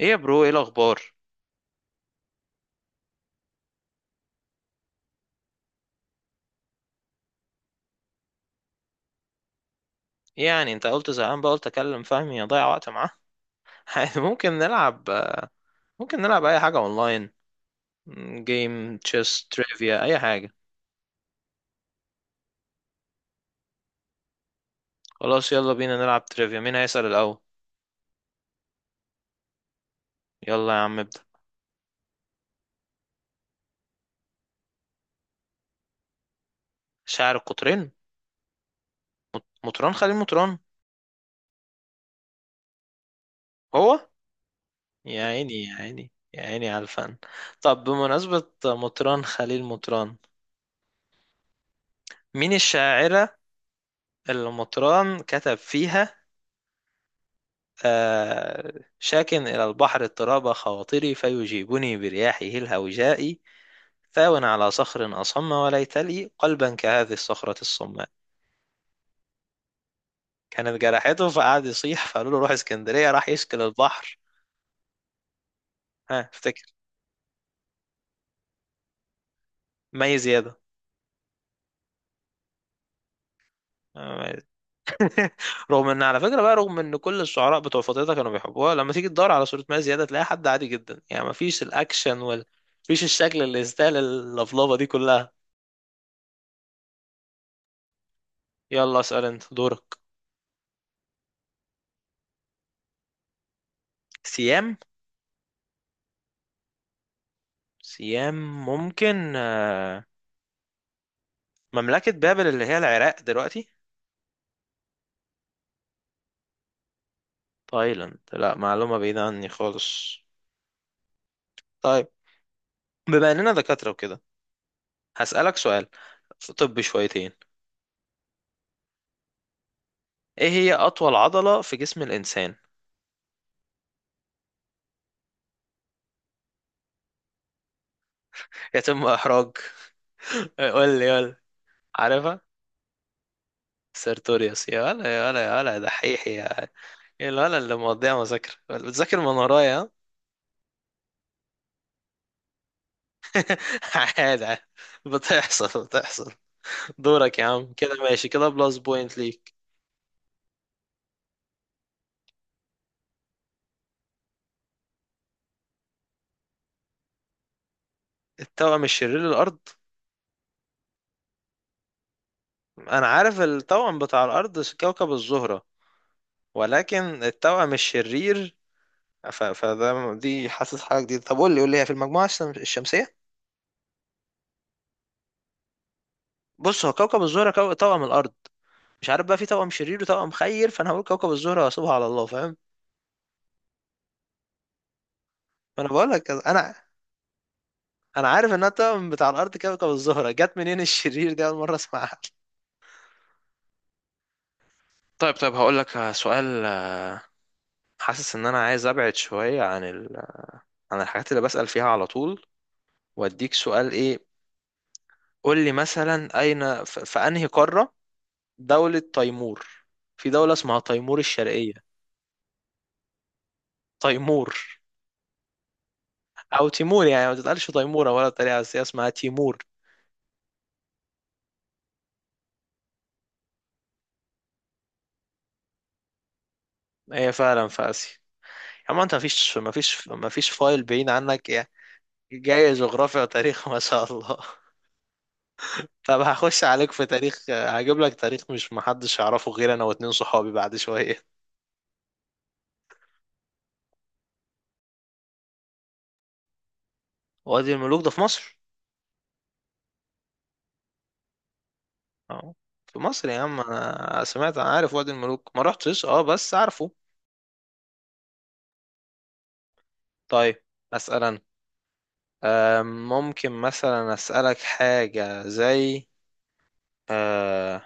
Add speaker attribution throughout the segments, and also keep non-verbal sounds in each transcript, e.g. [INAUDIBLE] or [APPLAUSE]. Speaker 1: ايه يا برو، ايه الاخبار؟ ايه يعني انت قلت زهقان بقى قلت اكلم فهمي اضيع وقت معاه. [LAUGHS] عادي، ممكن نلعب. ممكن نلعب اي حاجه اونلاين، جيم تشيس تريفيا اي حاجه. خلاص يلا بينا نلعب تريفيا، مين هيسأل الاول؟ يلا يا عم ابدأ. شاعر القطرين مطران خليل مطران. هو يا عيني يا عيني يا عيني على الفن. طب بمناسبة مطران خليل مطران، مين الشاعرة اللي مطران كتب فيها؟ آه، شاك إلى البحر اضطراب خواطري فيجيبني برياحه الهوجاء، ثاوٍ على صخر أصم وليت لي قلبا كهذه الصخرة الصماء. كانت جرحته فقعد يصيح فقالوا له روح اسكندرية راح يشكل البحر. ها افتكر. مي زيادة. آه، مي- [LAUGHS] رغم ان على فكره بقى، رغم ان كل الشعراء بتوع فترتها كانوا بيحبوها، لما تيجي تدور على صوره مي زياده تلاقي حد عادي جدا يعني، مفيش الاكشن وال، مفيش الشكل اللي يستاهل اللفلفه دي كلها. يلا اسال انت دورك. سيام. سيام ممكن مملكة بابل اللي هي العراق دلوقتي. تايلاند؟ لا معلومة بعيدة عني خالص. طيب، بما اننا دكاترة وكده هسألك سؤال في طب شويتين. ايه هي اطول عضلة في جسم الانسان؟ يتم احراج. [LAUGHS] قول لي قول لي. عارفها. سيرتوريوس يا ولا يا ولا يا ولا، دحيح يا يا ولا اللي مقضيها مذاكرة بتذاكر من ورايا، ها؟ [LAUGHS] عادي عادي. بتحصل بتحصل. دورك يا عم، كده ماشي كده، بلس بوينت ليك. التوأم الشرير للأرض؟ أنا عارف التوأم بتاع الأرض كوكب الزهرة، ولكن التوأم الشرير، ف... فده دي حاسس حاجة جديدة. طب قول لي قول لي، هي في المجموعة الشمسية؟ بص، هو كوكب الزهرة توأم الأرض، مش عارف بقى في توأم شرير وتوأم خير، فأنا هقول كوكب الزهرة وأسيبها على الله، فاهم. فأنا بقول لك أنا، أنا عارف إنها التوأم بتاع الأرض كوكب الزهرة، جت منين الشرير دي؟ أول مرة أسمعها. طيب طيب، هقول لك سؤال. حاسس ان انا عايز ابعد شوية عن عن الحاجات اللي بسأل فيها على طول، واديك سؤال ايه. قول لي مثلا، اين في انهي قارة دولة تيمور؟ في دولة اسمها تيمور الشرقية. تيمور او تيمور يعني، ما تتقالش تيمورة ولا طريقة، بس هي اسمها تيمور. هي فعلا في اسيا. اما انت مفيش فايل بعيد عنك يعني. جاي جغرافيا وتاريخ [LAUGHS] ما شاء الله. [LAUGHS] طب هخش عليك في تاريخ، هجيب لك تاريخ مش محدش يعرفه غير انا واتنين صحابي بعد شوية. وادي الملوك ده في مصر، اه في مصر يا عم. انا سمعت، انا عارف وادي الملوك ما رحتش، اه بس عارفه. طيب اسال انا. ممكن مثلا اسالك حاجه زي، آه،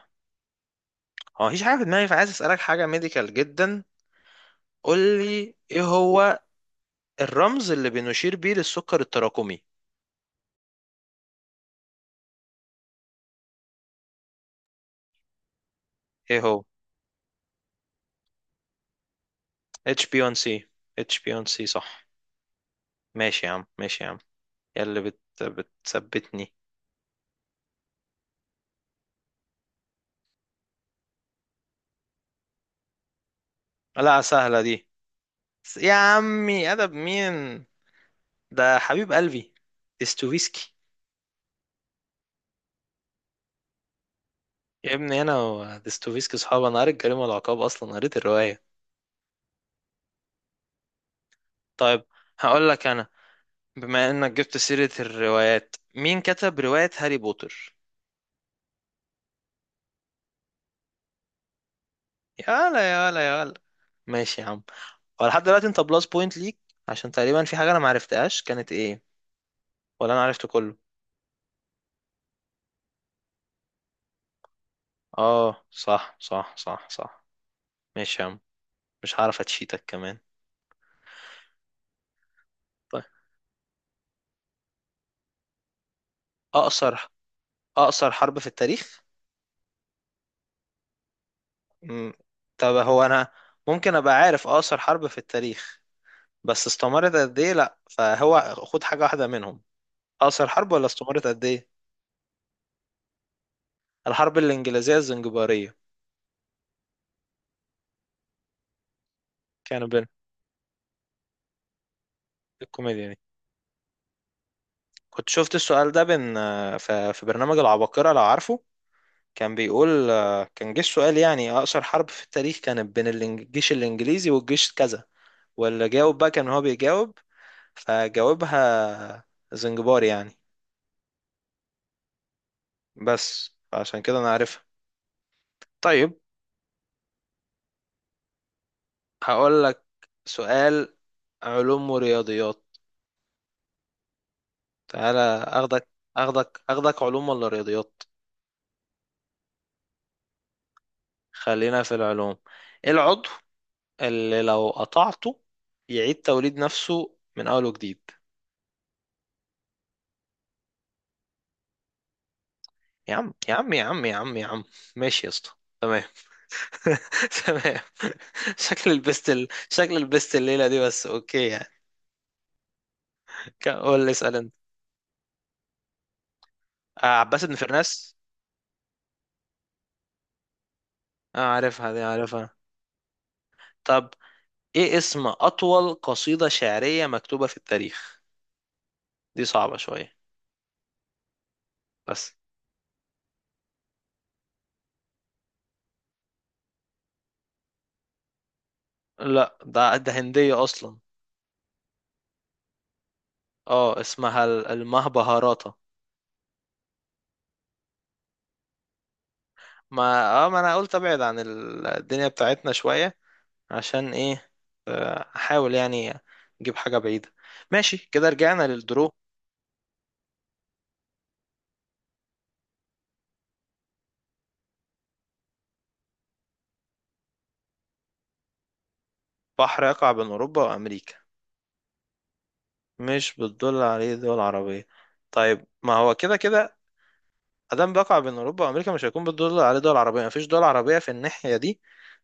Speaker 1: هو مفيش حاجه في دماغي فعايز اسالك حاجه ميديكال جدا. قول لي، ايه هو الرمز اللي بنشير بيه للسكر التراكمي؟ ايه هو؟ HbA1c. HbA1c صح. ماشي يا عم ماشي يا عم، يا اللي بتثبتني. لا سهله دي، يا عمي ادب مين، ده حبيب قلبي. استوفيسكي. يا ابني انا وديستوفيسكي صحاب، انا قريت الجريمه والعقاب، اصلا قريت الروايه. طيب هقول لك انا، بما انك جبت سيره الروايات، مين كتب روايه هاري بوتر؟ يلا يلا يلا، ماشي يا عم. هو لحد دلوقتي انت بلس بوينت ليك، عشان تقريبا في حاجه انا ما عرفتهاش، كانت ايه؟ ولا انا عرفت كله؟ اه صح صح صح صح. ماشي يا عم، مش هعرف اتشيتك كمان. طيب. اقصر، اقصر حرب في التاريخ. مم. طب هو انا ممكن ابقى عارف اقصر حرب في التاريخ، بس استمرت قد ايه؟ لا، فهو خد حاجه واحده منهم، اقصر الحرب ولا استمرت قد ايه. الحرب الانجليزيه الزنجباريه. كانوا بين، الكوميديا دي، كنت شفت السؤال ده بين، في في برنامج العباقره لو عارفه. كان بيقول، كان جه السؤال يعني اقصر حرب في التاريخ كانت بين الجيش الانجليزي والجيش كذا، واللي جاوب بقى كان هو بيجاوب، فجاوبها زنجبار يعني. بس عشان كده انا عارفها. طيب، هقول لك سؤال علوم ورياضيات، تعالى. اخدك اخدك اخدك، علوم ولا رياضيات؟ خلينا في العلوم. ايه العضو اللي لو قطعته يعيد توليد نفسه من اول وجديد؟ يا عم يا عم يا عم يا عم يا عم، ماشي يا اسطى. تمام. [LAUGHS] تمام. شكل شكل البست الليله دي بس، اوكي يعني. قول لي اسال انت. آه عباس بن فرناس. آه عارفها دي عارفها. طب ايه اسم اطول قصيده شعريه مكتوبه في التاريخ؟ دي صعبه شويه، بس. لا، ده ده هندية أصلا. اه اسمها المهبهاراتا. ما اه ما أنا قلت أبعد عن الدنيا بتاعتنا شوية، عشان إيه، أحاول يعني أجيب حاجة بعيدة. ماشي كده، رجعنا للدرو. بحر يقع بين أوروبا وأمريكا، مش بتدل عليه دول عربية. طيب ما هو كده كده، أدام بيقع بين أوروبا وأمريكا مش هيكون بتدل عليه دول عربية، مفيش دول عربية في الناحية دي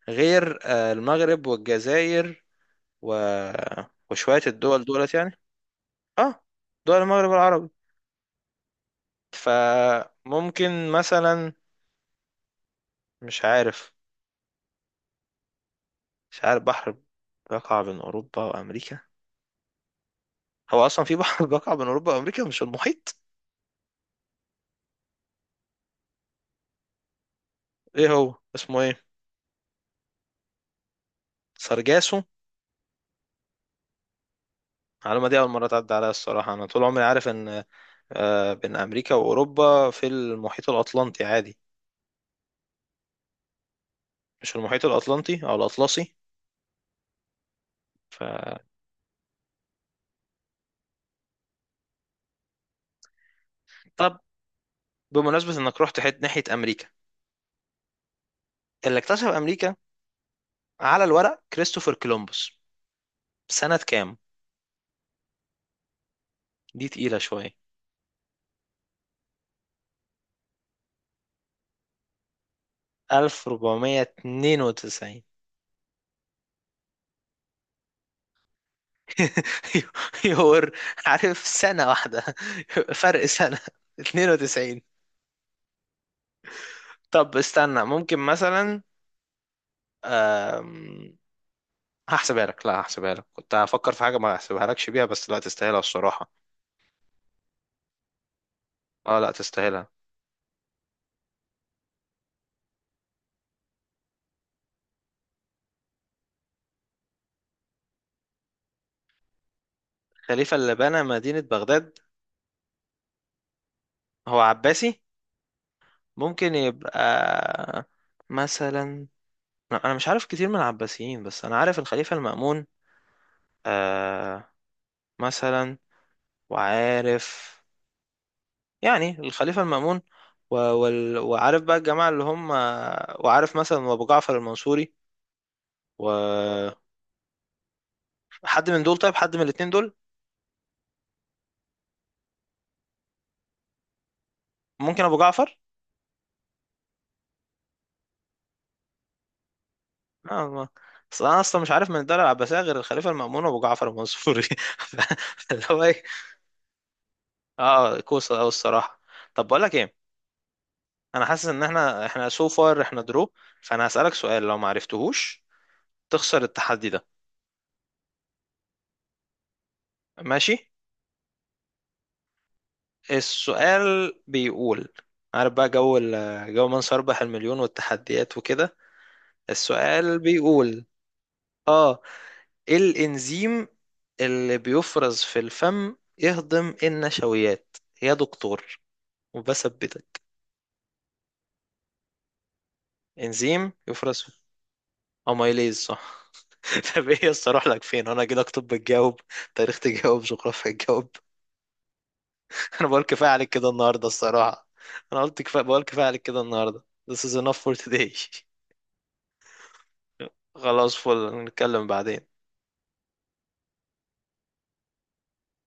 Speaker 1: غير المغرب والجزائر و... وشوية الدول دولت يعني. اه دول المغرب العربي. فممكن مثلا، مش عارف، مش عارف بحر بيقع بين اوروبا وامريكا، هو اصلا في بحر [LAUGHS] بيقع بين اوروبا وامريكا مش المحيط؟ ايه هو اسمه ايه؟ سرجاسو؟ المعلومه دي اول مره تعدي عليا الصراحه، انا طول عمري عارف ان بين امريكا واوروبا في المحيط الاطلنطي عادي، مش المحيط الاطلنطي او الاطلسي. ف، طب بمناسبه انك رحت حت ناحيه امريكا، اللي اكتشف امريكا على الورق كريستوفر كولومبوس، سنه كام؟ دي تقيله شويه. 1492. [LAUGHS] يور عارف سنة واحدة [LAUGHS] فرق سنة. 92. طب استنى ممكن مثلا، أم... هحسبها لك. لا هحسبها لك، كنت هفكر في حاجة ما هحسبها لكش بيها، بس لا تستاهلها الصراحة. اه لا تستاهلها. الخليفة اللي بنى مدينة بغداد، هو عباسي، ممكن يبقى مثلا، لا، انا مش عارف كتير من العباسيين بس انا عارف الخليفة المأمون، آه، مثلا، وعارف يعني الخليفة المأمون و... وال... وعارف بقى الجماعة اللي هم، وعارف مثلا أبو جعفر المنصوري وحد من دول، طيب حد من الاتنين دول. ممكن أبو جعفر؟ لا ما- أصل أنا أصلا مش عارف من الدولة العباسية غير الخليفة المأمون وأبو جعفر المنصوري، [LAUGHS] اللي هو إيه. أه كوسة أوي الصراحة. طب بقول لك إيه، أنا حاسس إن إحنا سو فار إحنا درو، فأنا هسألك سؤال لو ما عرفتهوش تخسر التحدي ده، ماشي. السؤال بيقول، عارف بقى جو جو من سيربح المليون والتحديات وكده. السؤال بيقول، اه، ايه الانزيم اللي بيفرز في الفم يهضم النشويات يا دكتور؟ وبثبتك، انزيم يفرز في. اميليز صح. [LAUGHS] طب ايه يس، اروح لك فين انا كده؟ اكتب بتجاوب، تاريخ تجاوب، جغرافيا تجاوب. [LAUGHS] انا بقول كفايه عليك كده النهارده الصراحه. انا قلت كفايه، بقول كفايه عليك كده النهارده. This is enough for today. [LAUGHS] خلاص، فل نتكلم بعدين.